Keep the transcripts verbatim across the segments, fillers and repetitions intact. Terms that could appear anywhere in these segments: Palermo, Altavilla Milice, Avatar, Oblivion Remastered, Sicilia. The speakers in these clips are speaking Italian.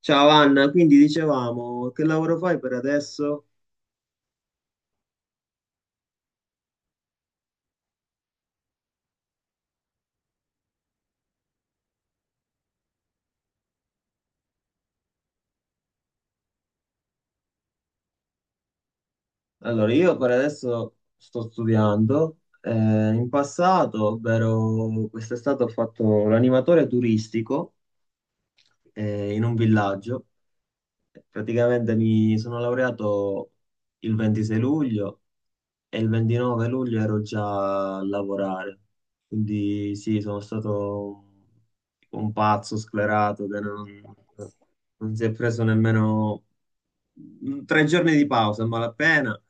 Ciao Anna, quindi dicevamo, che lavoro fai per adesso? Allora, io per adesso sto studiando. Eh, in passato, ovvero quest'estate, ho fatto l'animatore turistico eh, in un villaggio. Praticamente mi sono laureato il ventisei luglio e il ventinove luglio ero già a lavorare. Quindi sì, sono stato un pazzo sclerato che non non si è preso nemmeno mh, tre giorni di pausa a malapena,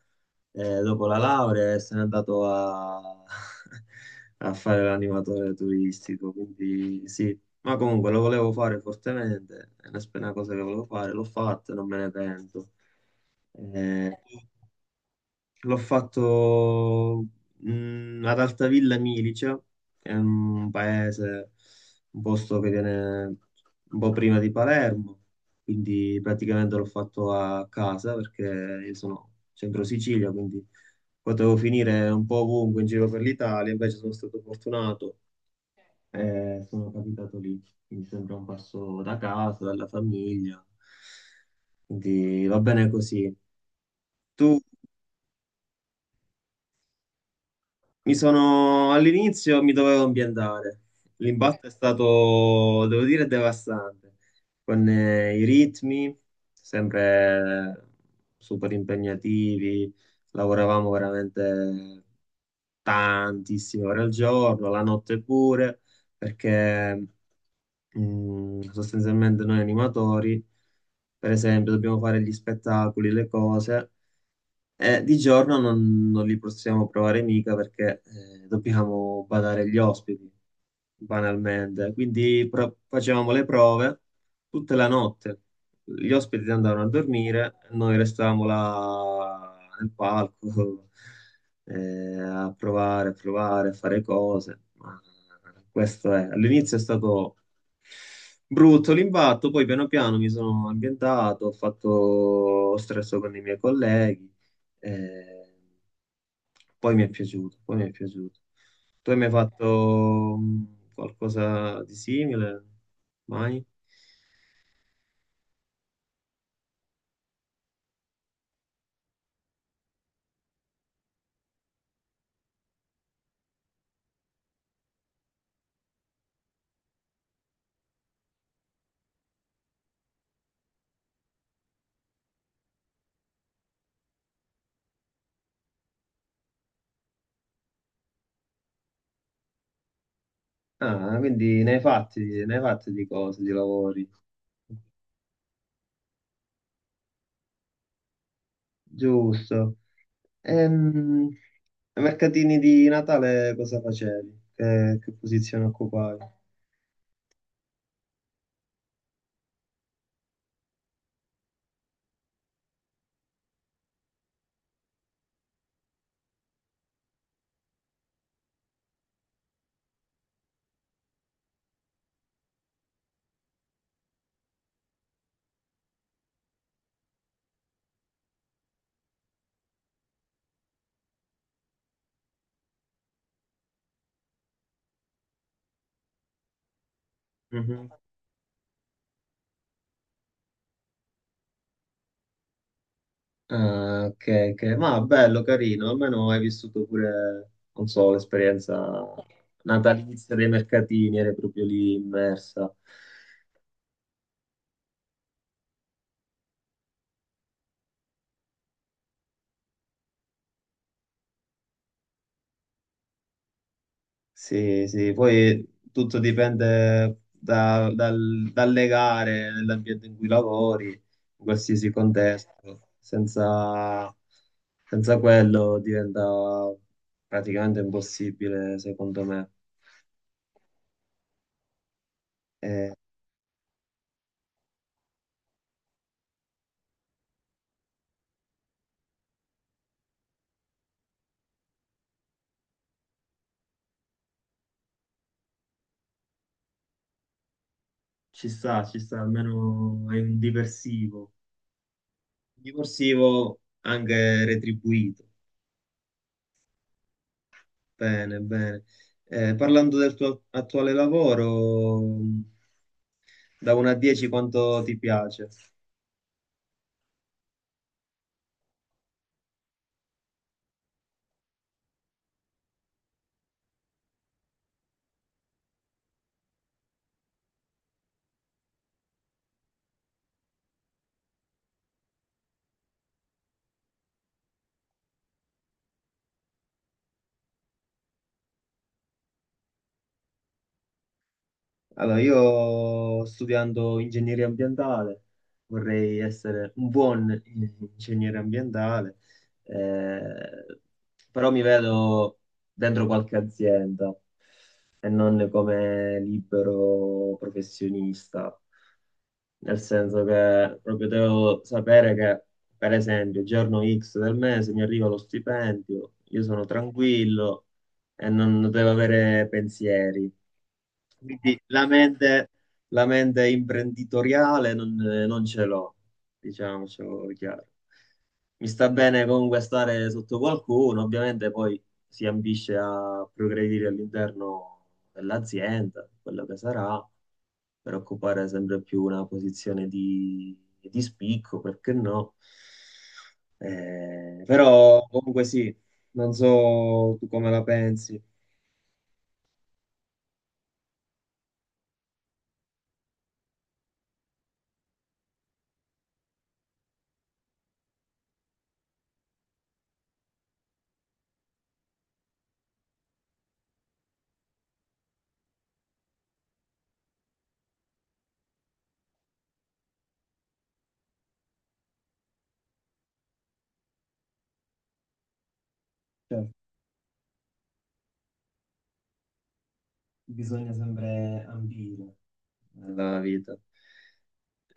eh, dopo la laurea, e se n'è andato a, a fare l'animatore turistico. Quindi sì, ma comunque lo volevo fare fortemente, è una, sp- una cosa che volevo fare, l'ho fatta, non me ne pento. Eh, L'ho fatto mm, ad Altavilla Milice, che è un paese, un posto che viene un po' prima di Palermo, quindi praticamente l'ho fatto a casa perché io sono centro Sicilia, quindi potevo finire un po' ovunque in giro per l'Italia, invece sono stato fortunato e sono capitato lì, quindi sembra un passo da casa, dalla famiglia, quindi va bene così. Tu? Mi sono, all'inizio mi dovevo ambientare. L'impatto è stato, devo dire, devastante, con eh, i ritmi sempre super impegnativi, lavoravamo veramente tantissime ore al giorno, la notte pure, perché mh, sostanzialmente noi animatori, per esempio, dobbiamo fare gli spettacoli, le cose. Eh, di giorno non, non li possiamo provare mica perché eh, dobbiamo badare gli ospiti, banalmente. Quindi pro- facevamo le prove tutta la notte. Gli ospiti andavano a dormire, noi restavamo là nel palco eh, a provare, a provare, a fare cose. Ma questo è. All'inizio è stato brutto l'impatto, poi piano piano mi sono ambientato, ho fatto ho stresso con i miei colleghi. Eh, poi mi è piaciuto, poi mi è piaciuto. Tu hai mai fatto mh, qualcosa di simile? Mai? Ah, quindi ne hai fatti, ne hai fatti di cose, di lavori. Giusto. Ehm, Ai mercatini di Natale cosa facevi? Che, che posizione occupavi? Mhm. Ah, ok, ok. Ma bello, carino, almeno hai vissuto pure, non so, l'esperienza natalizia dei mercatini, eri proprio lì immersa. Sì, sì, poi tutto dipende da- dal- dalle gare, nell'ambiente in cui lavori, in qualsiasi contesto. Senza, senza quello diventa praticamente impossibile, secondo me. Ci sta, ci sta, almeno è un diversivo. Divorsivo anche retribuito. Bene, bene. Eh, parlando del tuo attuale lavoro, da uno a dieci quanto ti piace? Allora, io studiando ingegneria ambientale vorrei essere un buon ingegnere ambientale, eh, però mi vedo dentro qualche azienda e non come libero professionista, nel senso che proprio devo sapere che, per esempio, il giorno X del mese mi arriva lo stipendio, io sono tranquillo e non deve avere pensieri. Quindi la mente, la mente imprenditoriale non, non ce l'ho, diciamocelo chiaro. Mi sta bene comunque stare sotto qualcuno, ovviamente poi si ambisce a progredire all'interno dell'azienda, quello che sarà, per occupare sempre più una posizione di, di spicco, perché no? Eh, però comunque sì, non so tu come la pensi. Cioè, bisogna sempre ambire nella vita.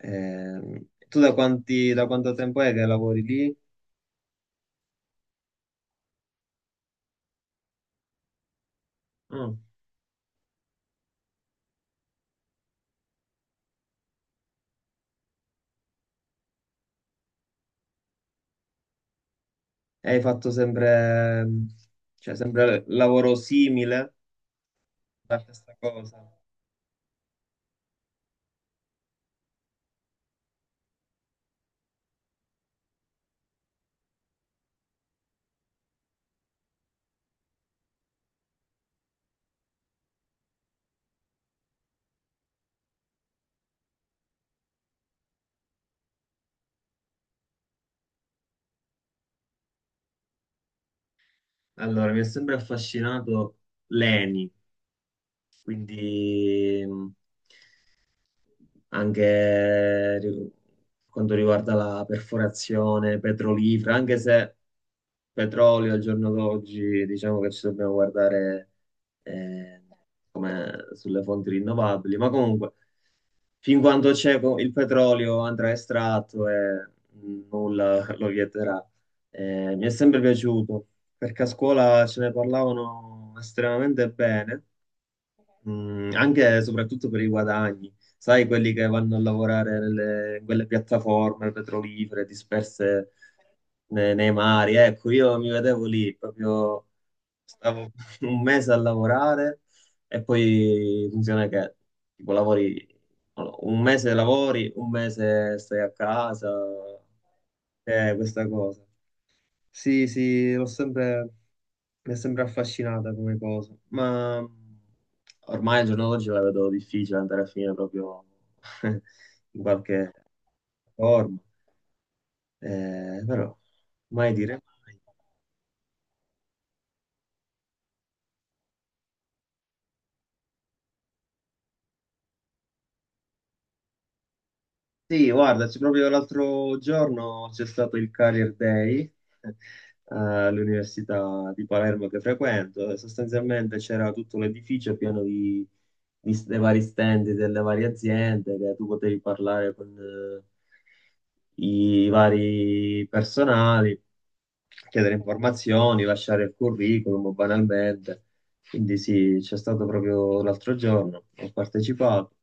Ehm, tu da quanti, da quanto tempo è che lavori lì? Mm. E hai fatto sempre, cioè, sempre lavoro simile a questa cosa? Allora, mi ha sempre affascinato l'ENI, quindi mh, anche ri- quanto riguarda la perforazione petrolifera, anche se petrolio al giorno d'oggi diciamo che ci dobbiamo guardare eh, come sulle fonti rinnovabili, ma comunque fin quando c'è co- il petrolio andrà estratto e nulla lo vieterà. Eh, mi è sempre piaciuto perché a scuola ce ne parlavano estremamente bene. Mm, anche e soprattutto per i guadagni, sai, quelli che vanno a lavorare nelle, in quelle piattaforme petrolifere disperse ne- nei mari. Ecco, io mi vedevo lì, proprio stavo un mese a lavorare e poi funziona che tipo lavori, non lo- so, un mese lavori, un mese stai a casa, è questa cosa. Sì, sì, l'ho sempre, mi è sempre affascinata come cosa, ma ormai al giorno d'oggi la vedo difficile andare a finire proprio in qualche forma. Eh, però mai dire mai. Sì, guarda, c'è proprio l'altro giorno c'è stato il Career Day eh, all'Università di Palermo che frequento e sostanzialmente c'era tutto l'edificio pieno di, di- dei vari stand delle varie aziende che tu potevi parlare con eh, i vari personali, chiedere informazioni, lasciare il curriculum banalmente. Quindi sì, c'è stato proprio l'altro giorno, ho partecipato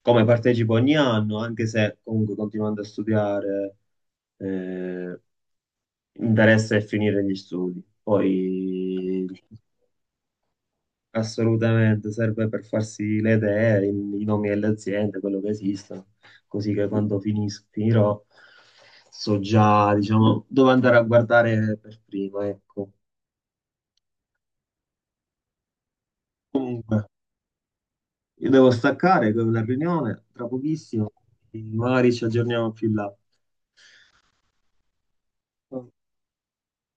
come partecipo ogni anno, anche se comunque continuando a studiare, eh, interessa è finire gli studi. Poi assolutamente serve per farsi le idee, i, i nomi delle aziende, quello che esistono, così che quando finis- finirò so già, diciamo, dove andare a guardare per prima, ecco. Comunque, io devo staccare con la riunione tra pochissimo, magari ci aggiorniamo più in là.